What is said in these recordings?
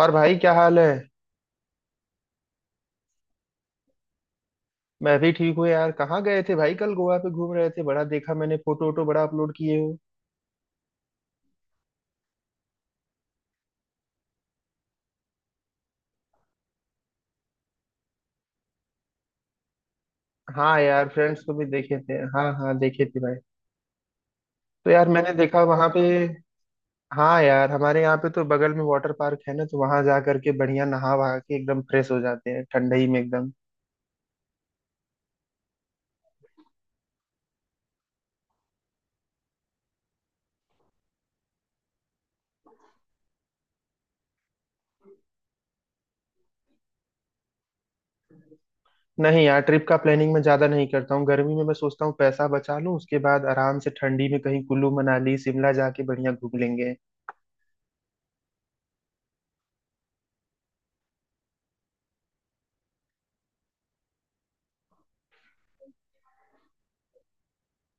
और भाई क्या हाल है। मैं भी ठीक हूँ यार। कहाँ गए थे भाई? कल गोवा पे घूम रहे थे, बड़ा देखा मैंने फोटो वोटो, बड़ा अपलोड किए हो। हाँ यार, फ्रेंड्स को भी देखे थे। हाँ हाँ, देखे थे भाई। तो यार मैंने देखा वहां पे। हाँ यार, हमारे यहाँ पे तो बगल में वाटर पार्क है ना, तो वहां जा करके बढ़िया नहा वहा के एकदम फ्रेश हो जाते हैं ठंडई में एकदम। नहीं यार, ट्रिप का प्लानिंग मैं ज्यादा नहीं करता हूँ। गर्मी में मैं सोचता हूँ पैसा बचा लूँ, उसके बाद आराम से ठंडी में कहीं कुल्लू मनाली शिमला जाके बढ़िया घूम लेंगे।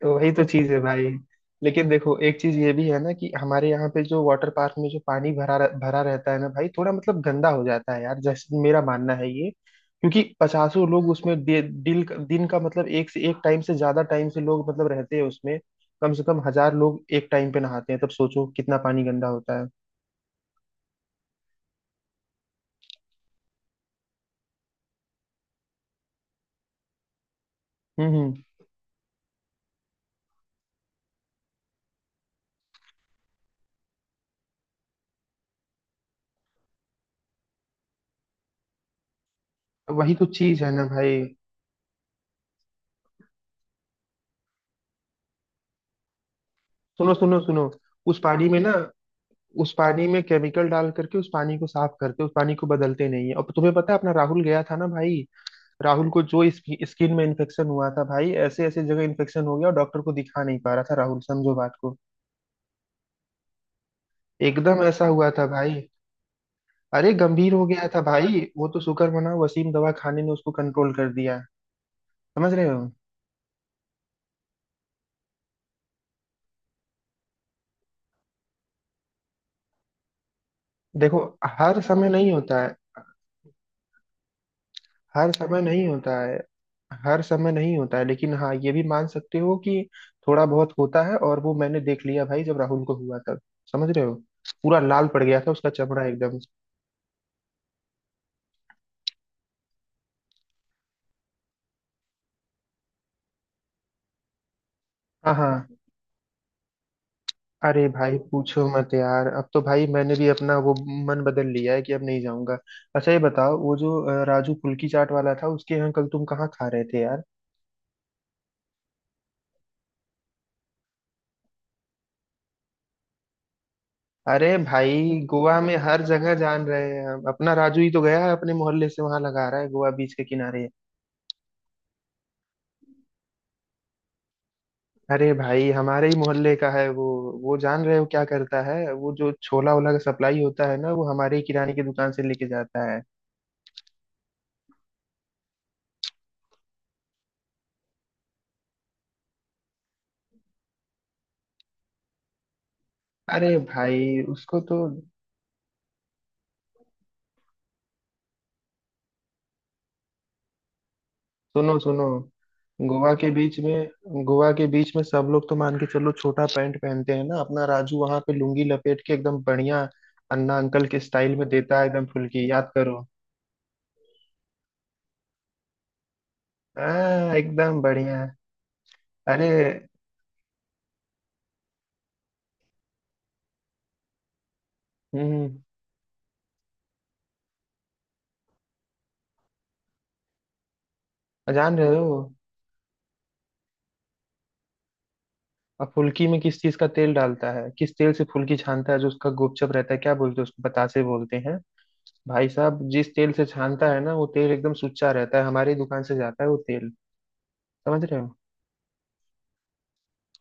तो वही तो चीज है भाई। लेकिन देखो, एक चीज ये भी है ना कि हमारे यहाँ पे जो वाटर पार्क में जो पानी भरा भरा रहता है ना भाई, थोड़ा मतलब गंदा हो जाता है यार, जैसे मेरा मानना है ये, क्योंकि पचासों लोग उसमें डे- दिल दिन का मतलब एक टाइम से ज्यादा टाइम से लोग मतलब रहते हैं उसमें। कम से कम हजार लोग एक टाइम पे नहाते हैं, तब सोचो कितना पानी गंदा होता है। हम्म। हम्म। वही तो चीज है ना भाई। सुनो सुनो सुनो। उस पानी में ना, उस पानी में केमिकल डाल करके उस पानी को साफ करते, उस पानी को बदलते नहीं है। और तुम्हें पता है, अपना राहुल गया था ना भाई। राहुल को जो स्किन में इन्फेक्शन हुआ था भाई, ऐसे ऐसे जगह इन्फेक्शन हो गया और डॉक्टर को दिखा नहीं पा रहा था राहुल, समझो बात को। एकदम ऐसा हुआ था भाई। अरे गंभीर हो गया था भाई, वो तो शुक्र मना वसीम दवा खाने ने उसको कंट्रोल कर दिया। समझ रहे हो। देखो, हर समय नहीं होता है। हर समय नहीं होता है। हर समय नहीं होता है, लेकिन हाँ, ये भी मान सकते हो कि थोड़ा बहुत होता है, और वो मैंने देख लिया भाई जब राहुल को हुआ था। समझ रहे हो। पूरा लाल पड़ गया था उसका चमड़ा, एकदम। हाँ हाँ। अरे भाई पूछो मत यार, अब तो भाई मैंने भी अपना वो मन बदल लिया है कि अब नहीं जाऊंगा। अच्छा ये बताओ, वो जो राजू फुल्की चाट वाला था उसके यहाँ कल तुम कहाँ खा रहे थे यार? अरे भाई गोवा में हर जगह जान रहे हैं हम, अपना राजू ही तो गया है अपने मोहल्ले से, वहां लगा रहा है गोवा बीच के किनारे। अरे भाई हमारे ही मोहल्ले का है वो। वो जान रहे हो क्या करता है? वो जो छोला ओला का सप्लाई होता है ना, वो हमारे ही किराने की दुकान से लेके जाता है। अरे भाई उसको तो सुनो सुनो, गोवा के बीच में, गोवा के बीच में सब लोग तो मान के चलो छोटा पैंट पहनते हैं ना, अपना राजू वहां पे लुंगी लपेट के एकदम बढ़िया अन्ना अंकल के स्टाइल में देता है एकदम, फुल्की याद करो। हाँ एकदम बढ़िया। अरे। हम्म। जान रहे हो, अब फुल्की में किस चीज का तेल डालता है, किस तेल से फुल्की छानता है जो उसका गोपचप रहता है, क्या बोलते हैं उसको? बतासे बोलते हैं। भाई साहब जिस तेल से छानता है ना, वो तेल एकदम सुच्चा रहता है, हमारी दुकान से जाता है वो तेल। समझ रहे हो।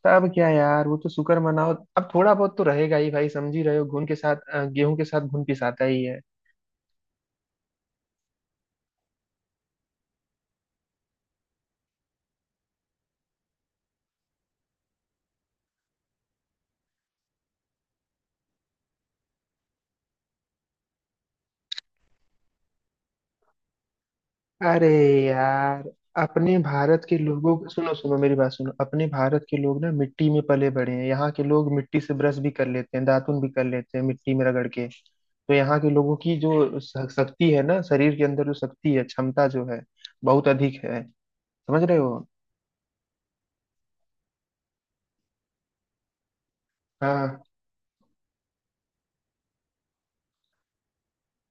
तो अब क्या यार, वो तो शुक्र मनाओ, अब थोड़ा बहुत तो रहेगा ही भाई, समझ ही रहे हो, घुन के साथ गेहूं के साथ घुन पिसाता ही है। अरे यार, अपने भारत के लोगों को, सुनो सुनो मेरी बात सुनो। अपने भारत के लोग ना मिट्टी में पले बड़े हैं, यहाँ के लोग मिट्टी से ब्रश भी कर लेते हैं, दातुन भी कर लेते हैं मिट्टी में रगड़ के, तो यहाँ के लोगों की जो शक्ति है ना, शरीर के अंदर जो शक्ति है, क्षमता जो है बहुत अधिक है। समझ रहे हो। हाँ।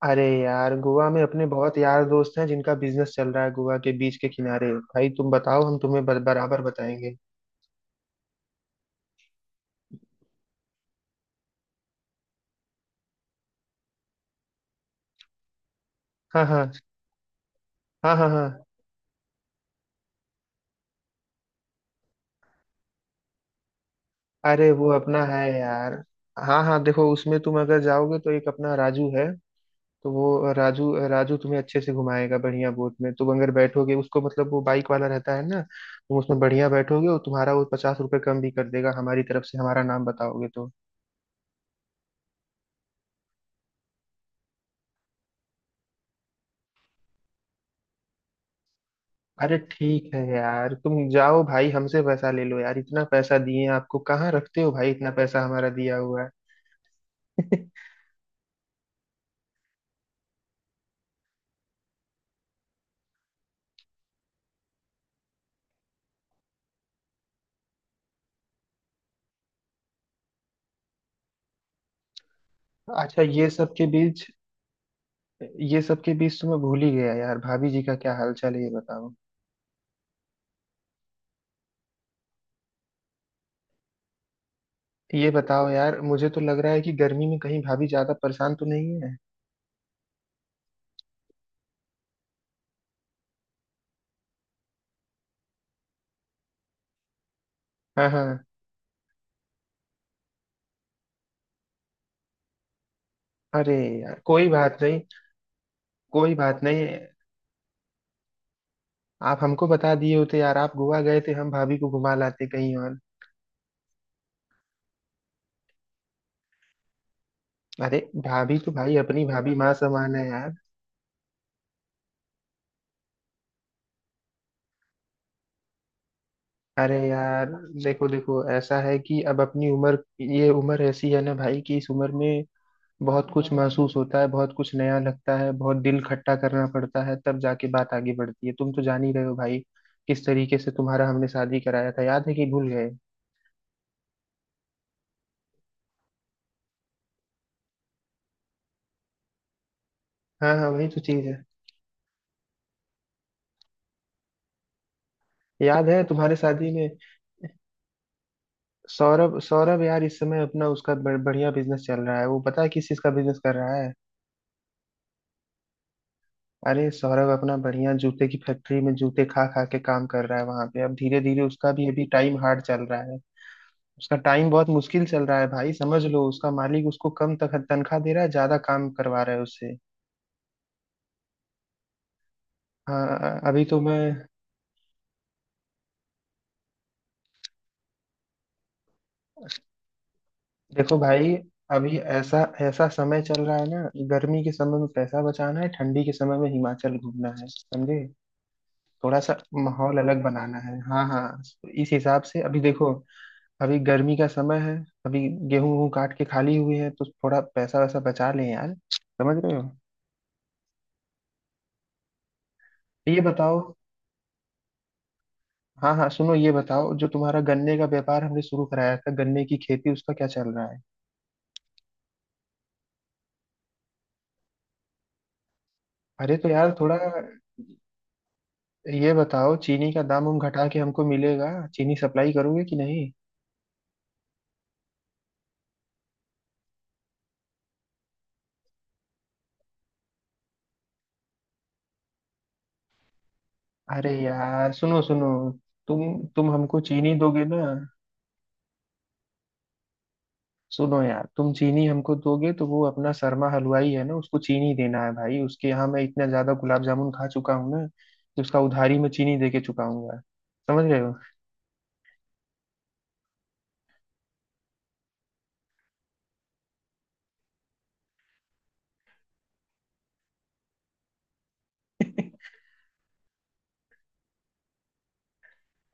अरे यार गोवा में अपने बहुत यार दोस्त हैं जिनका बिजनेस चल रहा है गोवा के बीच के किनारे, भाई तुम बताओ, हम तुम्हें बराबर बताएंगे। हाँ हाँ। हाँ हाँ हाँ। अरे वो अपना है यार। हाँ हाँ, देखो उसमें तुम अगर जाओगे तो एक अपना राजू है, तो वो राजू राजू तुम्हें अच्छे से घुमाएगा, बढ़िया बोट में तुम अगर बैठोगे उसको, मतलब वो बाइक वाला रहता है ना, तुम उसमें बढ़िया बैठोगे और तुम्हारा वो पचास रुपये कम भी कर देगा हमारी तरफ से, हमारा नाम बताओगे तो। अरे ठीक है यार, तुम जाओ भाई, हमसे पैसा ले लो यार, इतना पैसा दिए आपको कहाँ रखते हो भाई, इतना पैसा हमारा दिया हुआ है। अच्छा ये सब के बीच, ये सब के बीच तो मैं भूल ही गया यार, भाभी जी का क्या हाल चाल है, ये बताओ। ये बताओ यार, मुझे तो लग रहा है कि गर्मी में कहीं भाभी ज्यादा परेशान तो नहीं है। हाँ हाँ। अरे यार कोई बात नहीं, कोई बात नहीं। आप हमको बता दिए होते यार, आप गोवा गए थे, हम भाभी को घुमा लाते कहीं और। अरे भाभी तो भाई अपनी भाभी माँ समान है यार। अरे यार, देखो देखो ऐसा है कि अब अपनी उम्र, ये उम्र ऐसी है ना भाई कि इस उम्र में बहुत कुछ महसूस होता है, बहुत कुछ नया लगता है, बहुत दिल खट्टा करना पड़ता है, तब जाके बात आगे बढ़ती है। तुम तो जान ही रहे हो भाई किस तरीके से तुम्हारा हमने शादी कराया था, याद है कि भूल गए? हाँ हाँ, वही तो चीज है। याद है तुम्हारे शादी में। सौरभ? सौरभ यार इस समय अपना उसका बढ़िया बिजनेस चल रहा है। वो पता है किस चीज का बिजनेस कर रहा है? अरे सौरभ अपना बढ़िया जूते की फैक्ट्री में जूते खा खा के काम कर रहा है वहां पे, अब धीरे धीरे उसका भी अभी टाइम हार्ड चल रहा है। उसका टाइम बहुत मुश्किल चल रहा है भाई, समझ लो उसका मालिक उसको कम तनख्वाह दे रहा है, ज्यादा काम करवा रहा है उससे। हाँ अभी तो मैं, देखो भाई, अभी ऐसा ऐसा समय चल रहा है ना, गर्मी के समय में पैसा बचाना है, ठंडी के समय में हिमाचल घूमना है, समझे। थोड़ा सा माहौल अलग बनाना है, हाँ हाँ, तो इस हिसाब से अभी देखो, अभी गर्मी का समय है। अभी गेहूं वूं काट के खाली हुए हैं, तो थोड़ा पैसा वैसा बचा लें यार, समझ रहे हो। ये बताओ। हाँ हाँ सुनो, ये बताओ, जो तुम्हारा गन्ने का व्यापार हमने शुरू कराया था, गन्ने की खेती, उसका क्या चल रहा है? अरे तो यार थोड़ा ये बताओ, चीनी का दाम हम घटा के हमको मिलेगा, चीनी सप्लाई करोगे कि नहीं? अरे यार सुनो सुनो, तुम तुम हमको चीनी दोगे ना? सुनो यार, तुम चीनी हमको दोगे तो वो अपना शर्मा हलवाई है ना, उसको चीनी देना है भाई, उसके यहाँ मैं इतना ज्यादा गुलाब जामुन खा चुका हूँ ना कि उसका उधारी में चीनी दे के चुकाऊंगा। समझ रहे हो।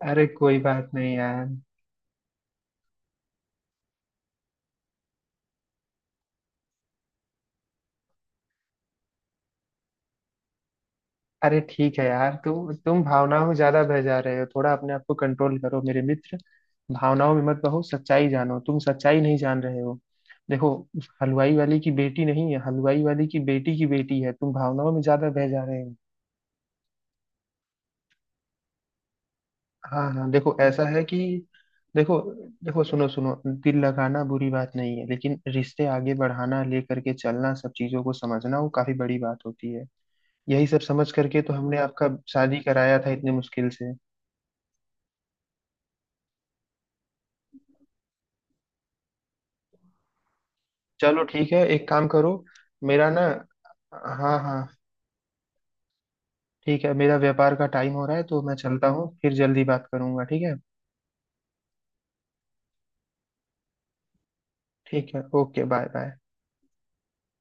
अरे कोई बात नहीं यार। अरे ठीक है यार, तुम भावनाओं में ज्यादा बह जा रहे हो, थोड़ा अपने आप को कंट्रोल करो मेरे मित्र। भावनाओं में मत बहो, सच्चाई जानो, तुम सच्चाई नहीं जान रहे हो। देखो, उस हलवाई वाली की बेटी नहीं है, हलवाई वाली की बेटी है, तुम भावनाओं में ज्यादा बह जा रहे हो। हाँ हाँ देखो, ऐसा है कि देखो, देखो सुनो सुनो, दिल लगाना बुरी बात नहीं है, लेकिन रिश्ते आगे बढ़ाना, लेकर के चलना, सब चीजों को समझना, वो काफी बड़ी बात होती है। यही सब समझ करके तो हमने आपका शादी कराया था इतने मुश्किल से। चलो ठीक है, एक काम करो। मेरा ना, हाँ हाँ, ठीक है, मेरा व्यापार का टाइम हो रहा है तो मैं चलता हूँ, फिर जल्दी बात करूंगा ठीक है। ठीक है, ओके, बाय बाय।